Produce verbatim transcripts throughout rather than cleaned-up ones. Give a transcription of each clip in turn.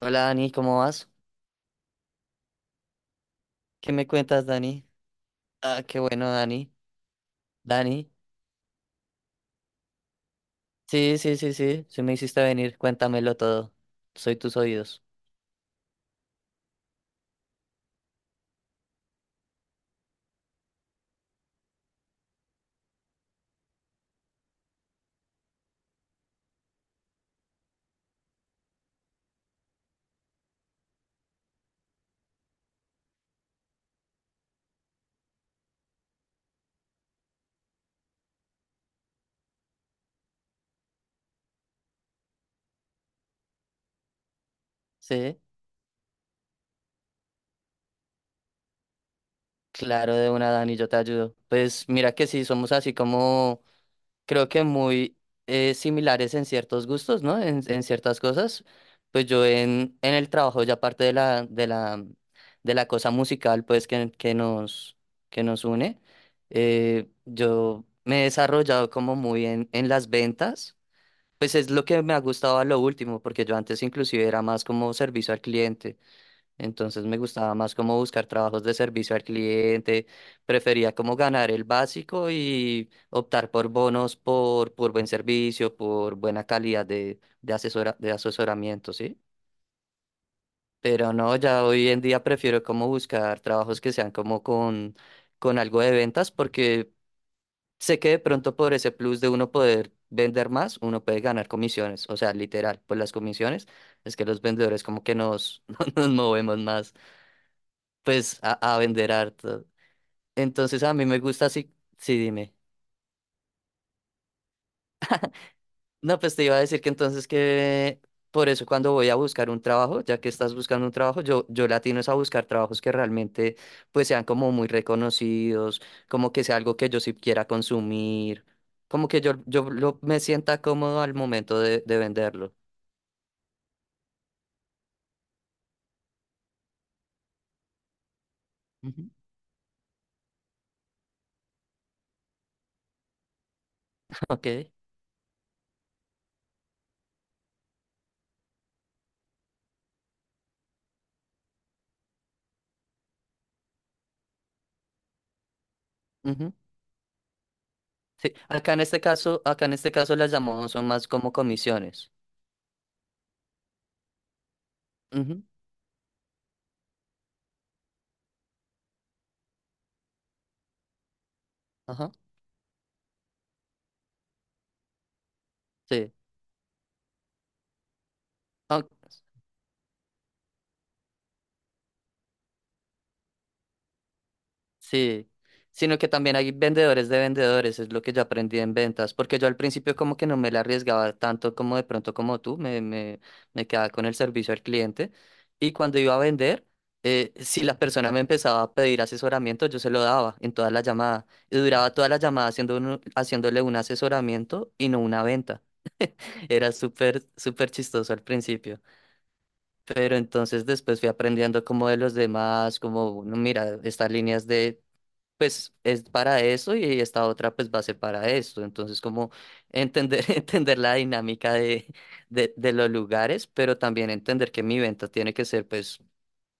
Hola Dani, ¿cómo vas? ¿Qué me cuentas, Dani? Ah, qué bueno, Dani. Dani. Sí, sí, sí, sí. Sí me hiciste venir, cuéntamelo todo. Soy tus oídos. Sí, claro, de una, Dani, yo te ayudo. Pues mira que sí, somos así como creo que muy eh, similares en ciertos gustos, ¿no? En, en ciertas cosas. Pues yo en, en el trabajo, ya aparte de la, de la, de la cosa musical, pues que, que nos, que nos une, eh, yo me he desarrollado como muy en, en las ventas. Pues es lo que me ha gustado a lo último, porque yo antes inclusive era más como servicio al cliente. Entonces me gustaba más como buscar trabajos de servicio al cliente, prefería como ganar el básico y optar por bonos por, por buen servicio, por buena calidad de, de, asesora- de asesoramiento, ¿sí? Pero no, ya hoy en día prefiero como buscar trabajos que sean como con, con algo de ventas, porque sé que de pronto por ese plus de uno poder vender más, uno puede ganar comisiones, o sea, literal, por las comisiones es que los vendedores como que nos, nos movemos más. Pues a, a vender harto. Entonces a mí me gusta así, sí, dime. No, pues te iba a decir que entonces que por eso cuando voy a buscar un trabajo, ya que estás buscando un trabajo, yo, yo latino es a buscar trabajos que realmente pues sean como muy reconocidos, como que sea algo que yo sí quiera consumir, como que yo, yo lo- me sienta cómodo al momento de, de venderlo. Ujú. Ok. Ujú. Sí. Acá en este caso, acá en este caso las llamamos son más como comisiones. Ujú. Ajá. Sí. Ok. Sí, sino que también hay vendedores de vendedores, es lo que yo aprendí en ventas, porque yo al principio como que no me la arriesgaba tanto como de pronto como tú, me, me, me quedaba con el servicio al cliente y cuando iba a vender, eh, si la persona me empezaba a pedir asesoramiento, yo se lo daba en toda la llamada y duraba toda la llamada haciendo un- haciéndole un asesoramiento y no una venta. Era súper, súper chistoso al principio. Pero entonces después fui aprendiendo como de los demás, como, no, mira, estas líneas de pues es para eso y esta otra pues va a ser para esto. Entonces, como entender, entender la dinámica de, de, de los lugares, pero también entender que mi venta tiene que ser pues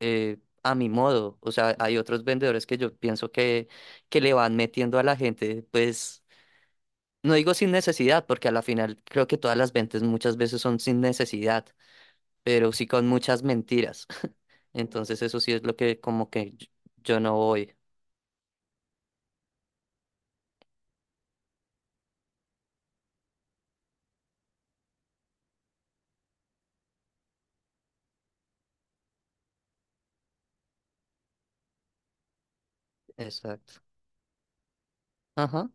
eh, a mi modo. O sea, hay otros vendedores que yo pienso que, que le van metiendo a la gente, pues no digo sin necesidad, porque a la final creo que todas las ventas muchas veces son sin necesidad, pero sí con muchas mentiras. Entonces, eso sí es lo que como que yo yo no voy. Exacto. Ajá,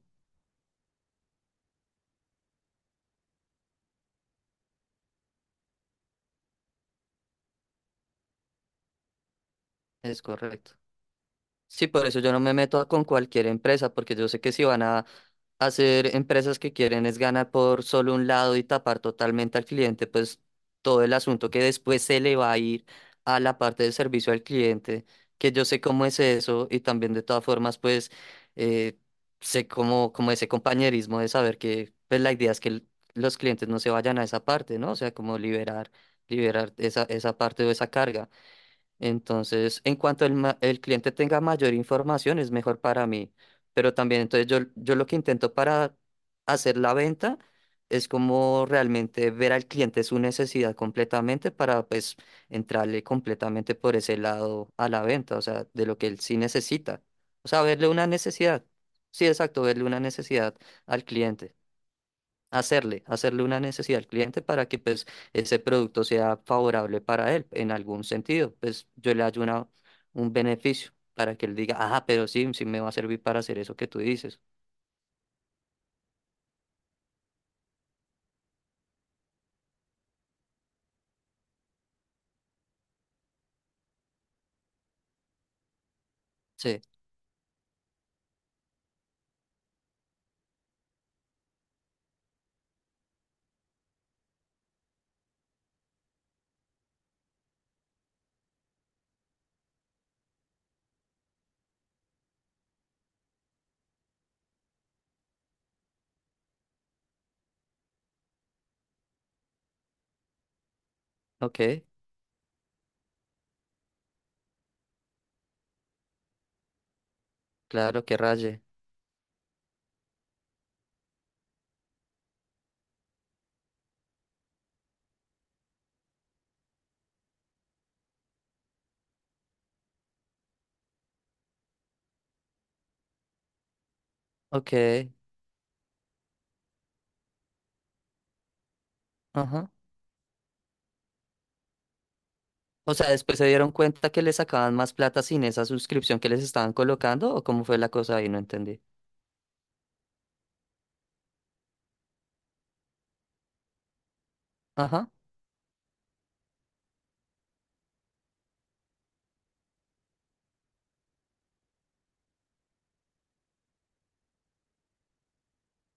es correcto. Sí, por eso yo no me meto con cualquier empresa, porque yo sé que si van a hacer empresas que quieren es ganar por solo un lado y tapar totalmente al cliente, pues todo el asunto que después se le va a ir a la parte de servicio al cliente, que yo sé cómo es eso y también de todas formas, pues eh, sé cómo, como ese compañerismo de saber que pues la idea es que el- los clientes no se vayan a esa parte, ¿no? O sea, como liberar, liberar esa, esa parte o esa carga. Entonces, en cuanto el, ma- el cliente tenga mayor información, es mejor para mí. Pero también, entonces, yo, yo lo que intento para hacer la venta es como realmente ver al cliente su necesidad completamente para, pues, entrarle completamente por ese lado a la venta, o sea, de lo que él sí necesita. O sea, verle una necesidad. Sí, exacto, verle una necesidad al cliente, hacerle, hacerle una necesidad al cliente para que pues ese producto sea favorable para él en algún sentido. Pues yo le hallo una- un beneficio para que él diga, ah, pero sí, sí me va a servir para hacer eso que tú dices. Sí, ok, claro, que raye. Ok, ajá. O sea, después se dieron cuenta que le sacaban más plata sin esa suscripción que les estaban colocando o cómo fue la cosa ahí, no entendí. Ajá,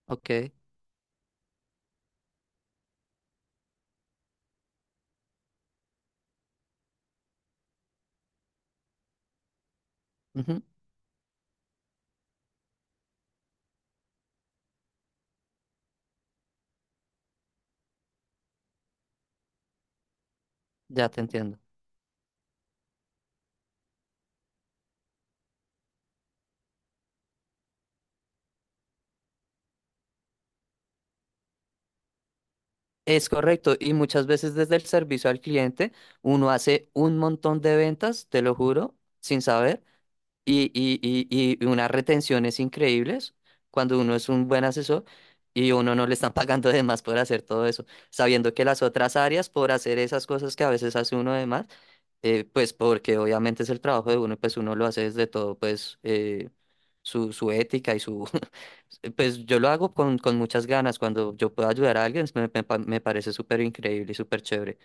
ok, ujú, ya te entiendo. Es correcto, y muchas veces desde el servicio al cliente uno hace un montón de ventas, te lo juro, sin saber, y, y, y, y unas retenciones increíbles cuando uno es un buen asesor y uno no le están pagando de más por hacer todo eso, sabiendo que las otras áreas por hacer esas cosas que a veces hace uno de más, eh, pues porque obviamente es el trabajo de uno, y pues uno lo hace desde todo, pues eh, su, su ética y su... Pues yo lo hago con, con muchas ganas. Cuando yo puedo ayudar a alguien, me, me pa- me parece súper increíble y súper chévere,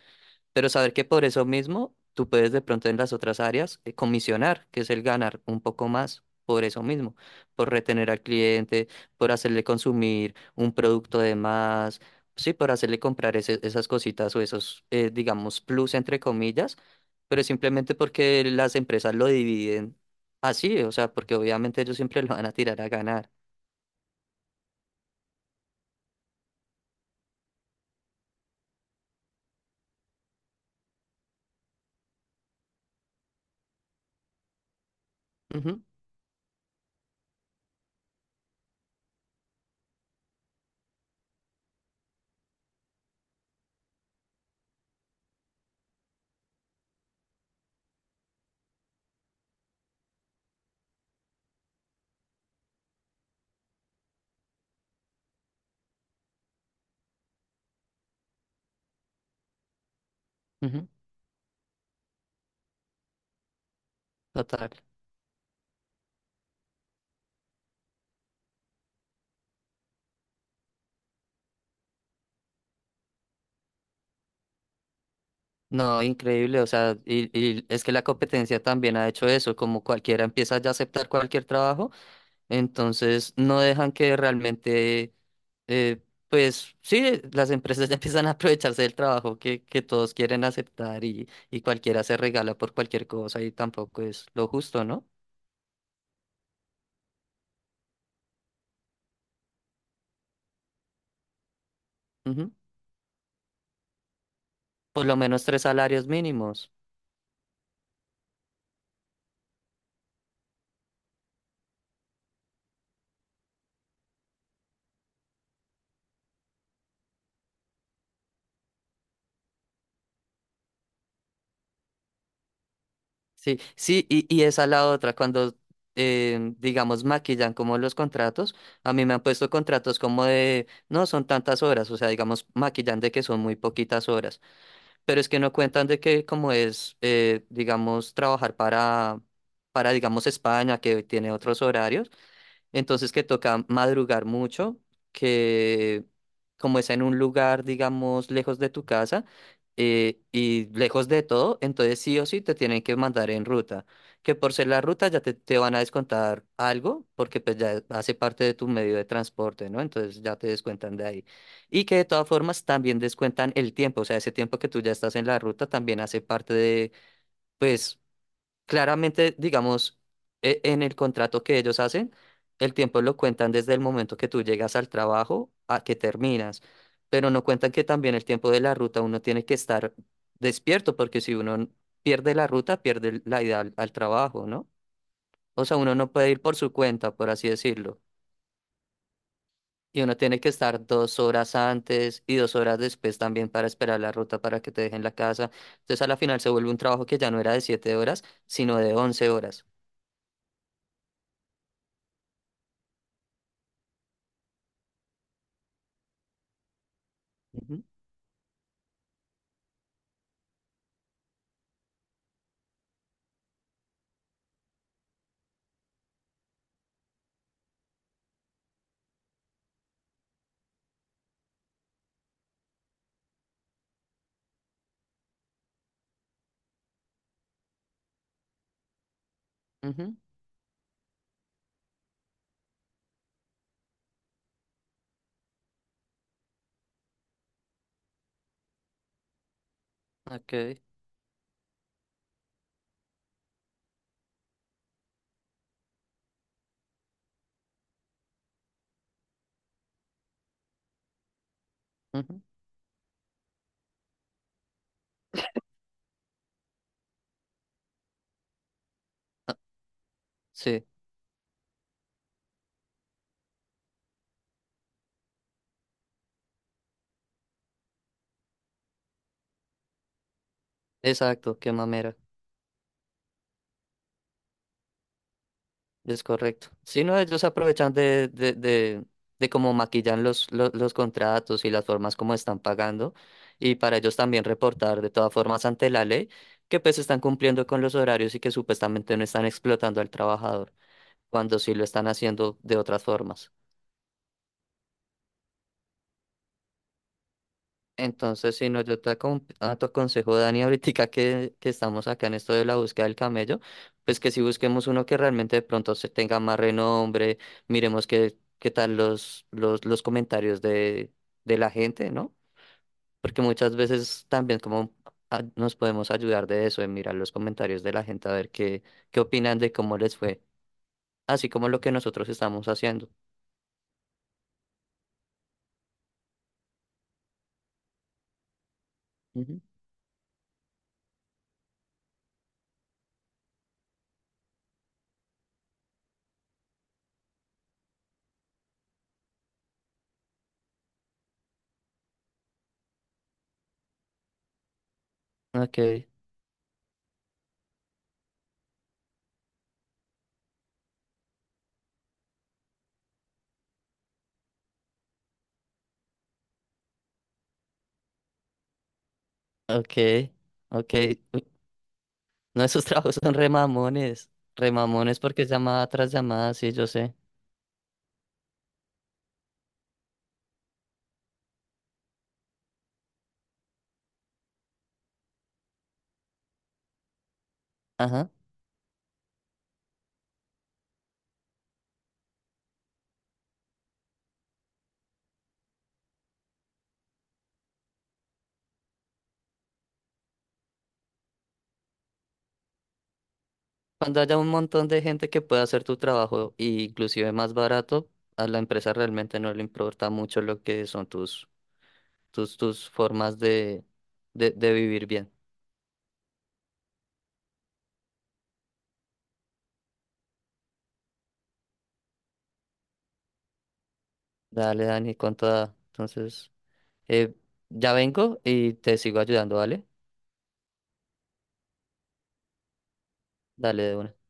pero saber que por eso mismo tú puedes de pronto en las otras áreas eh, comisionar, que es el ganar un poco más por eso mismo, por retener al cliente, por hacerle consumir un producto de más, sí, por hacerle comprar ese- esas cositas o esos, eh, digamos, plus entre comillas, pero simplemente porque las empresas lo dividen así, o sea, porque obviamente ellos siempre lo van a tirar a ganar. Ujú, ujú, total. No, increíble, o sea, y, y es que la competencia también ha hecho eso, como cualquiera empieza ya a aceptar cualquier trabajo, entonces no dejan que realmente, eh, pues sí, las empresas ya empiezan a aprovecharse del trabajo que, que todos quieren aceptar y, y cualquiera se regala por cualquier cosa y tampoco es lo justo, ¿no? Ujú. Por lo menos tres salarios mínimos. Sí, sí, y, y esa la otra, cuando eh, digamos, maquillan como los contratos, a mí me han puesto contratos como de, no, son tantas horas, o sea, digamos, maquillan de que son muy poquitas horas, pero es que no cuentan de que como es, eh, digamos, trabajar para, para, digamos, España, que tiene otros horarios, entonces que toca madrugar mucho, que como es en un lugar, digamos, lejos de tu casa, eh, y lejos de todo, entonces sí o sí te tienen que mandar en ruta. Que por ser la ruta ya te, te van a descontar algo, porque pues ya hace parte de tu medio de transporte, ¿no? Entonces ya te descuentan de ahí. Y que de todas formas también descuentan el tiempo, o sea, ese tiempo que tú ya estás en la ruta también hace parte de, pues, claramente, digamos, e- en el contrato que ellos hacen, el tiempo lo cuentan desde el momento que tú llegas al trabajo a que terminas, pero no cuentan que también el tiempo de la ruta uno tiene que estar despierto, porque si uno n- pierde la ruta, pierde el- la ida al, al trabajo, ¿no? O sea, uno no puede ir por su cuenta, por así decirlo. Y uno tiene que estar dos horas antes y dos horas después también para esperar la ruta para que te dejen la casa. Entonces, a la final se vuelve un trabajo que ya no era de siete horas, sino de once horas. Ujú, ujú. Ok. Ujú. Ah, sí, exacto, qué mamera. Es correcto. Si no, ellos aprovechan de, de, de, de cómo maquillan los, los, los contratos y las formas como están pagando. Y para ellos también reportar de todas formas ante la ley que pues están cumpliendo con los horarios y que supuestamente no están explotando al trabajador, cuando sí lo están haciendo de otras formas. Entonces, si no, yo te acom- a tu consejo, Dani, ahorita que, que estamos acá en esto de la búsqueda del camello, pues que si busquemos uno que realmente de pronto se tenga más renombre, miremos qué, qué tal los, los, los comentarios de, de la gente, ¿no? Porque muchas veces también como a- nos podemos ayudar de eso, de mirar los comentarios de la gente, a ver qué, qué opinan de cómo les fue, así como lo que nosotros estamos haciendo. Ujú. Ok, ok, ok. No, esos trabajos son remamones. Remamones porque es llamada tras llamada, sí, yo sé. Ajá. Cuando haya un montón de gente que pueda hacer tu trabajo, e inclusive más barato, a la empresa realmente no le importa mucho lo que son tus, tus, tus formas de, de, de vivir bien. Dale, Dani, con toda. Entonces, eh, ya vengo y te sigo ayudando, ¿vale? Dale de una.